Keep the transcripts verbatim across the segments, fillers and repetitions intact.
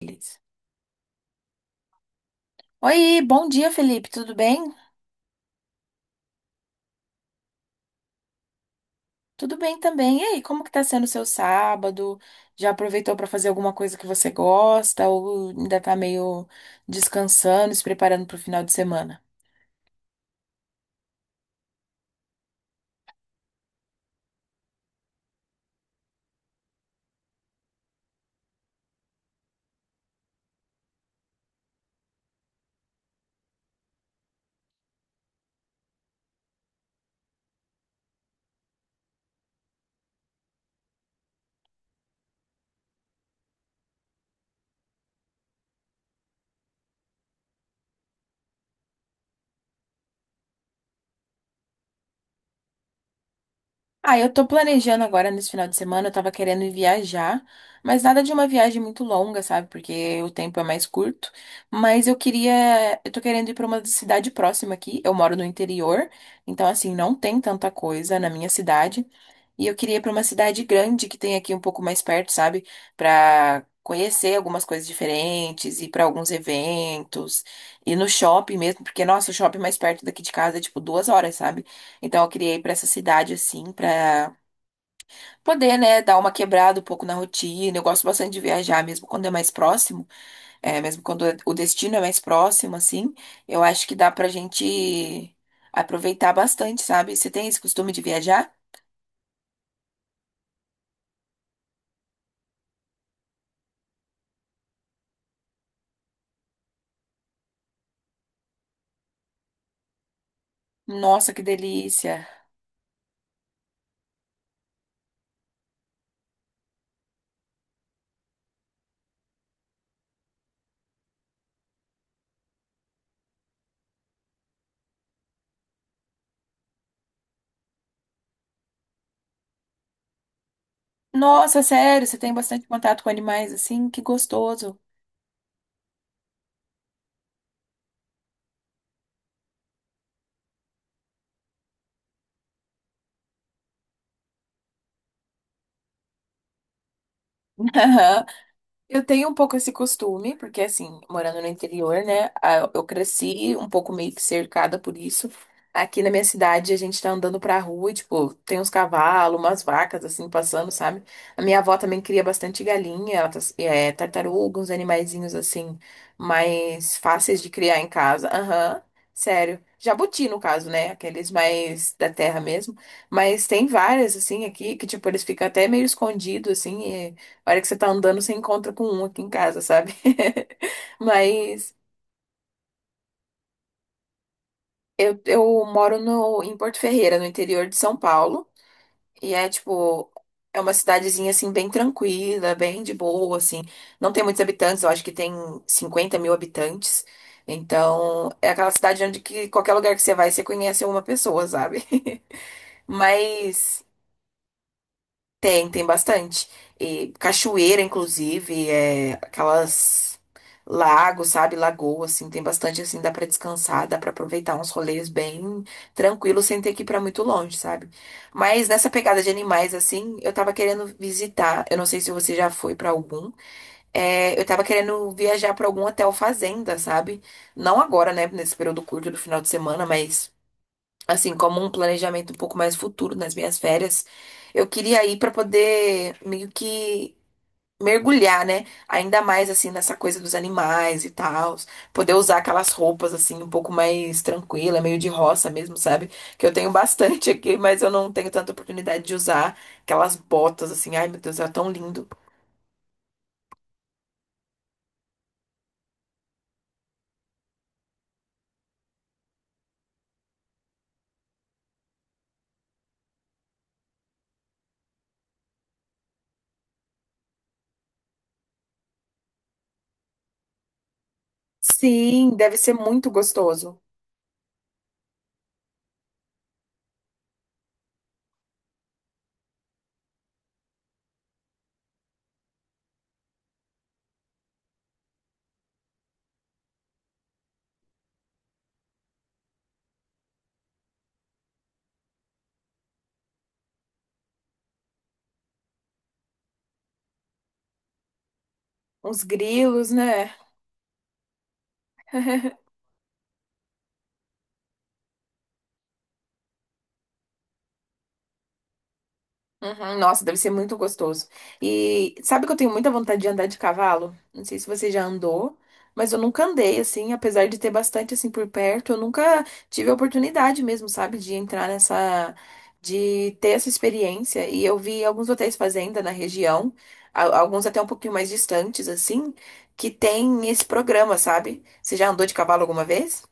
Beleza. Oi, bom dia, Felipe. Tudo bem? Tudo bem também. E aí, como que tá sendo o seu sábado? Já aproveitou para fazer alguma coisa que você gosta ou ainda tá meio descansando, se preparando para o final de semana? Ah, eu tô planejando agora nesse final de semana, eu tava querendo ir viajar, mas nada de uma viagem muito longa, sabe? Porque o tempo é mais curto, mas eu queria, eu tô querendo ir para uma cidade próxima aqui. Eu moro no interior, então assim, não tem tanta coisa na minha cidade. E eu queria ir para uma cidade grande que tem aqui um pouco mais perto, sabe? Para conhecer algumas coisas diferentes, ir para alguns eventos, ir no shopping mesmo, porque nossa, o shopping mais perto daqui de casa é tipo duas horas, sabe? Então eu queria ir para essa cidade assim, para poder, né, dar uma quebrada um pouco na rotina. Eu gosto bastante de viajar, mesmo quando é mais próximo, é, mesmo quando o destino é mais próximo, assim, eu acho que dá pra gente aproveitar bastante, sabe? Você tem esse costume de viajar? Nossa, que delícia! Nossa, sério, você tem bastante contato com animais assim? Que gostoso. Eu tenho um pouco esse costume, porque assim, morando no interior, né? a- Eu cresci um pouco meio que cercada por isso. Aqui na minha cidade, a gente tá andando pra rua e, tipo, tem uns cavalos, umas vacas, assim, passando, sabe? A minha avó também cria bastante galinha, ela tá- é, tartaruga, uns animaizinhos, assim, mais fáceis de criar em casa. Aham, sério. Jabuti, no caso, né? Aqueles mais da terra mesmo. Mas tem várias, assim, aqui, que, tipo, eles ficam até meio escondidos, assim. A hora que você tá andando, você encontra com um aqui em casa, sabe? Mas eu, eu moro no, em Porto Ferreira, no interior de São Paulo. E é tipo, é uma cidadezinha assim, bem tranquila, bem de boa, assim. Não tem muitos habitantes, eu acho que tem cinquenta mil habitantes. Então, é aquela cidade onde que qualquer lugar que você vai, você conhece uma pessoa, sabe? Mas. Tem, tem bastante. E cachoeira, inclusive, é aquelas lagos, sabe? Lagoa, assim, tem bastante, assim, dá pra descansar, dá pra aproveitar uns rolês bem tranquilos, sem ter que ir pra muito longe, sabe? Mas nessa pegada de animais, assim, eu tava querendo visitar, eu não sei se você já foi pra algum, é, eu tava querendo viajar pra algum hotel fazenda, sabe? Não agora, né, nesse período curto do final de semana, mas assim, como um planejamento um pouco mais futuro nas minhas férias. Eu queria ir para poder meio que mergulhar, né? Ainda mais assim nessa coisa dos animais e tal, poder usar aquelas roupas assim um pouco mais tranquila, meio de roça mesmo, sabe? Que eu tenho bastante aqui, mas eu não tenho tanta oportunidade de usar aquelas botas assim. Ai, meu Deus, é tão lindo. Sim, deve ser muito gostoso. Uns grilos, né? Uhum, nossa, deve ser muito gostoso. E sabe que eu tenho muita vontade de andar de cavalo? Não sei se você já andou, mas eu nunca andei assim, apesar de ter bastante assim por perto, eu nunca tive a oportunidade mesmo, sabe, de entrar nessa, de ter essa experiência. E eu vi alguns hotéis fazenda na região, a- alguns até um pouquinho mais distantes assim, que tem esse programa, sabe? Você já andou de cavalo alguma vez?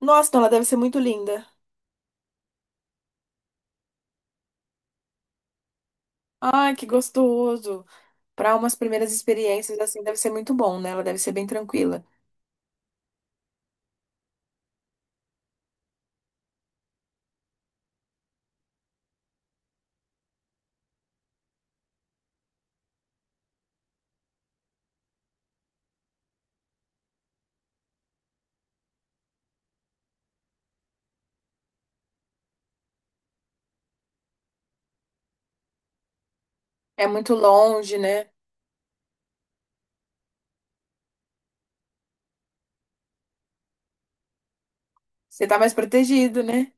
Nossa, então ela deve ser muito linda. Ai, que gostoso. Para umas primeiras experiências, assim, deve ser muito bom, né? Ela deve ser bem tranquila. É muito longe, né? Você tá mais protegido, né?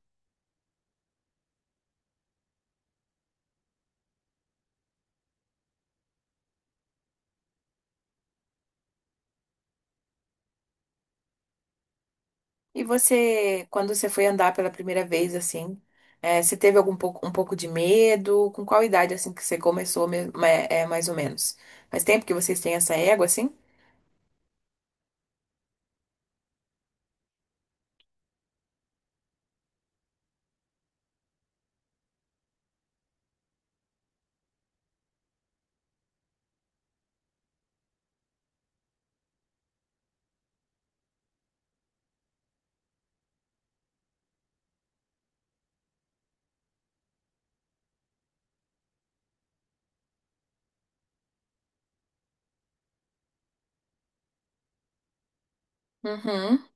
E você, quando você foi andar pela primeira vez, assim, é, você teve algum pouco, um pouco de medo? Com qual idade, assim, que você começou, mesmo, é, é, mais ou menos? Faz tempo que vocês têm essa égua, assim? Uhum.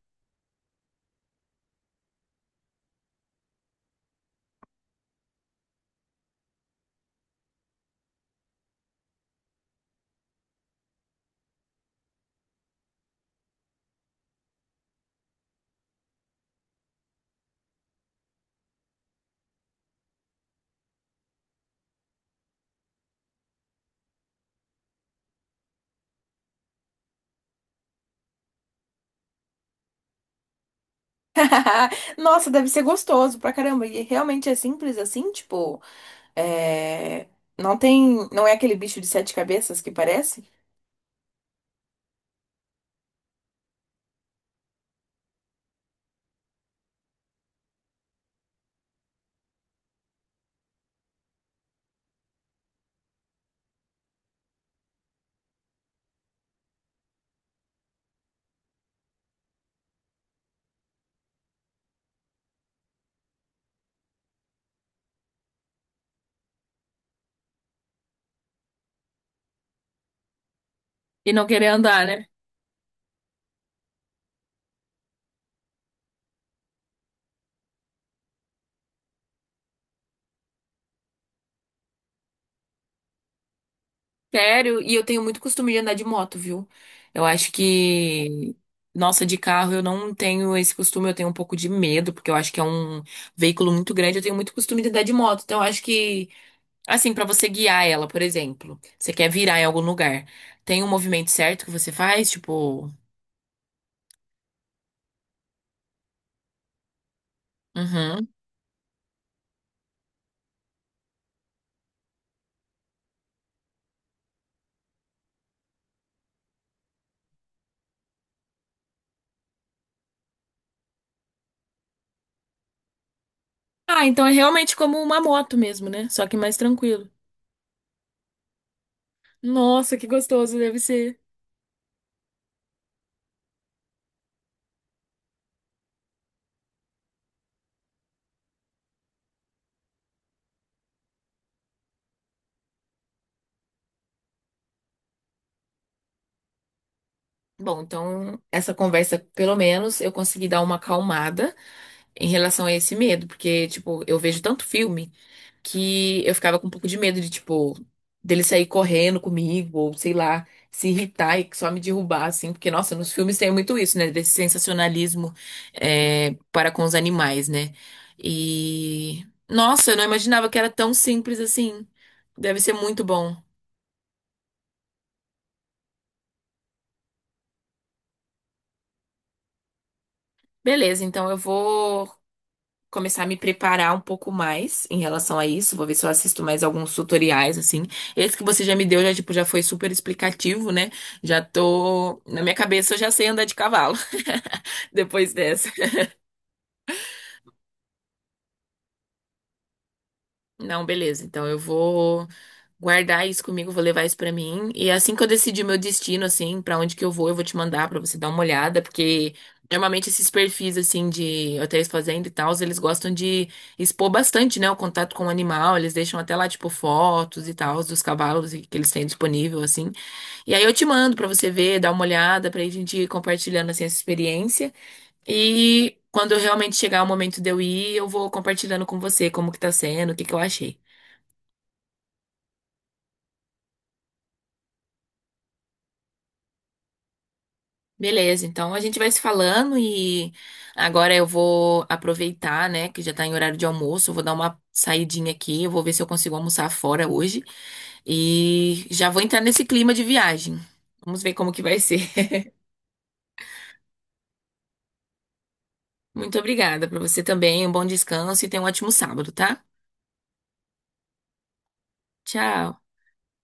Nossa, deve ser gostoso pra caramba. E realmente é simples assim, tipo, é, não tem, não é aquele bicho de sete cabeças que parece? E não querer andar, né? Sério, e eu tenho muito costume de andar de moto, viu? Eu acho que, nossa, de carro eu não tenho esse costume, eu tenho um pouco de medo, porque eu acho que é um veículo muito grande, eu tenho muito costume de andar de moto. Então, eu acho que, assim, pra você guiar ela, por exemplo, você quer virar em algum lugar, tem um movimento certo que você faz, tipo, uhum. Ah, então é realmente como uma moto mesmo, né? Só que mais tranquilo. Nossa, que gostoso deve ser. Bom, então essa conversa, pelo menos, eu consegui dar uma acalmada em relação a esse medo, porque, tipo, eu vejo tanto filme que eu ficava com um pouco de medo de, tipo, dele sair correndo comigo, ou sei lá, se irritar e só me derrubar, assim, porque, nossa, nos filmes tem muito isso, né, desse sensacionalismo é, para com os animais, né? E, nossa, eu não imaginava que era tão simples assim. Deve ser muito bom. Beleza, então eu vou começar a me preparar um pouco mais em relação a isso. Vou ver se eu assisto mais alguns tutoriais, assim. Esse que você já me deu já, tipo, já foi super explicativo, né? Já tô... Na minha cabeça eu já sei andar de cavalo depois dessa. Não, beleza. Então eu vou guardar isso comigo, vou levar isso pra mim. E assim que eu decidir meu destino, assim, pra onde que eu vou, eu vou te mandar pra você dar uma olhada, porque normalmente esses perfis assim de hotéis fazenda e tal, eles gostam de expor bastante, né, o contato com o animal, eles deixam até lá tipo fotos e tal dos cavalos e- que eles têm disponível assim. E aí eu te mando pra você ver, dar uma olhada, pra gente ir compartilhando assim essa experiência. E quando realmente chegar o momento de eu ir, eu vou compartilhando com você como que tá sendo, o que que eu achei. Beleza, então a gente vai se falando e agora eu vou aproveitar, né, que já tá em horário de almoço, eu vou dar uma saidinha aqui, eu vou ver se eu consigo almoçar fora hoje e já vou entrar nesse clima de viagem. Vamos ver como que vai ser. Muito obrigada para você também, um bom descanso e tenha um ótimo sábado, tá? Tchau.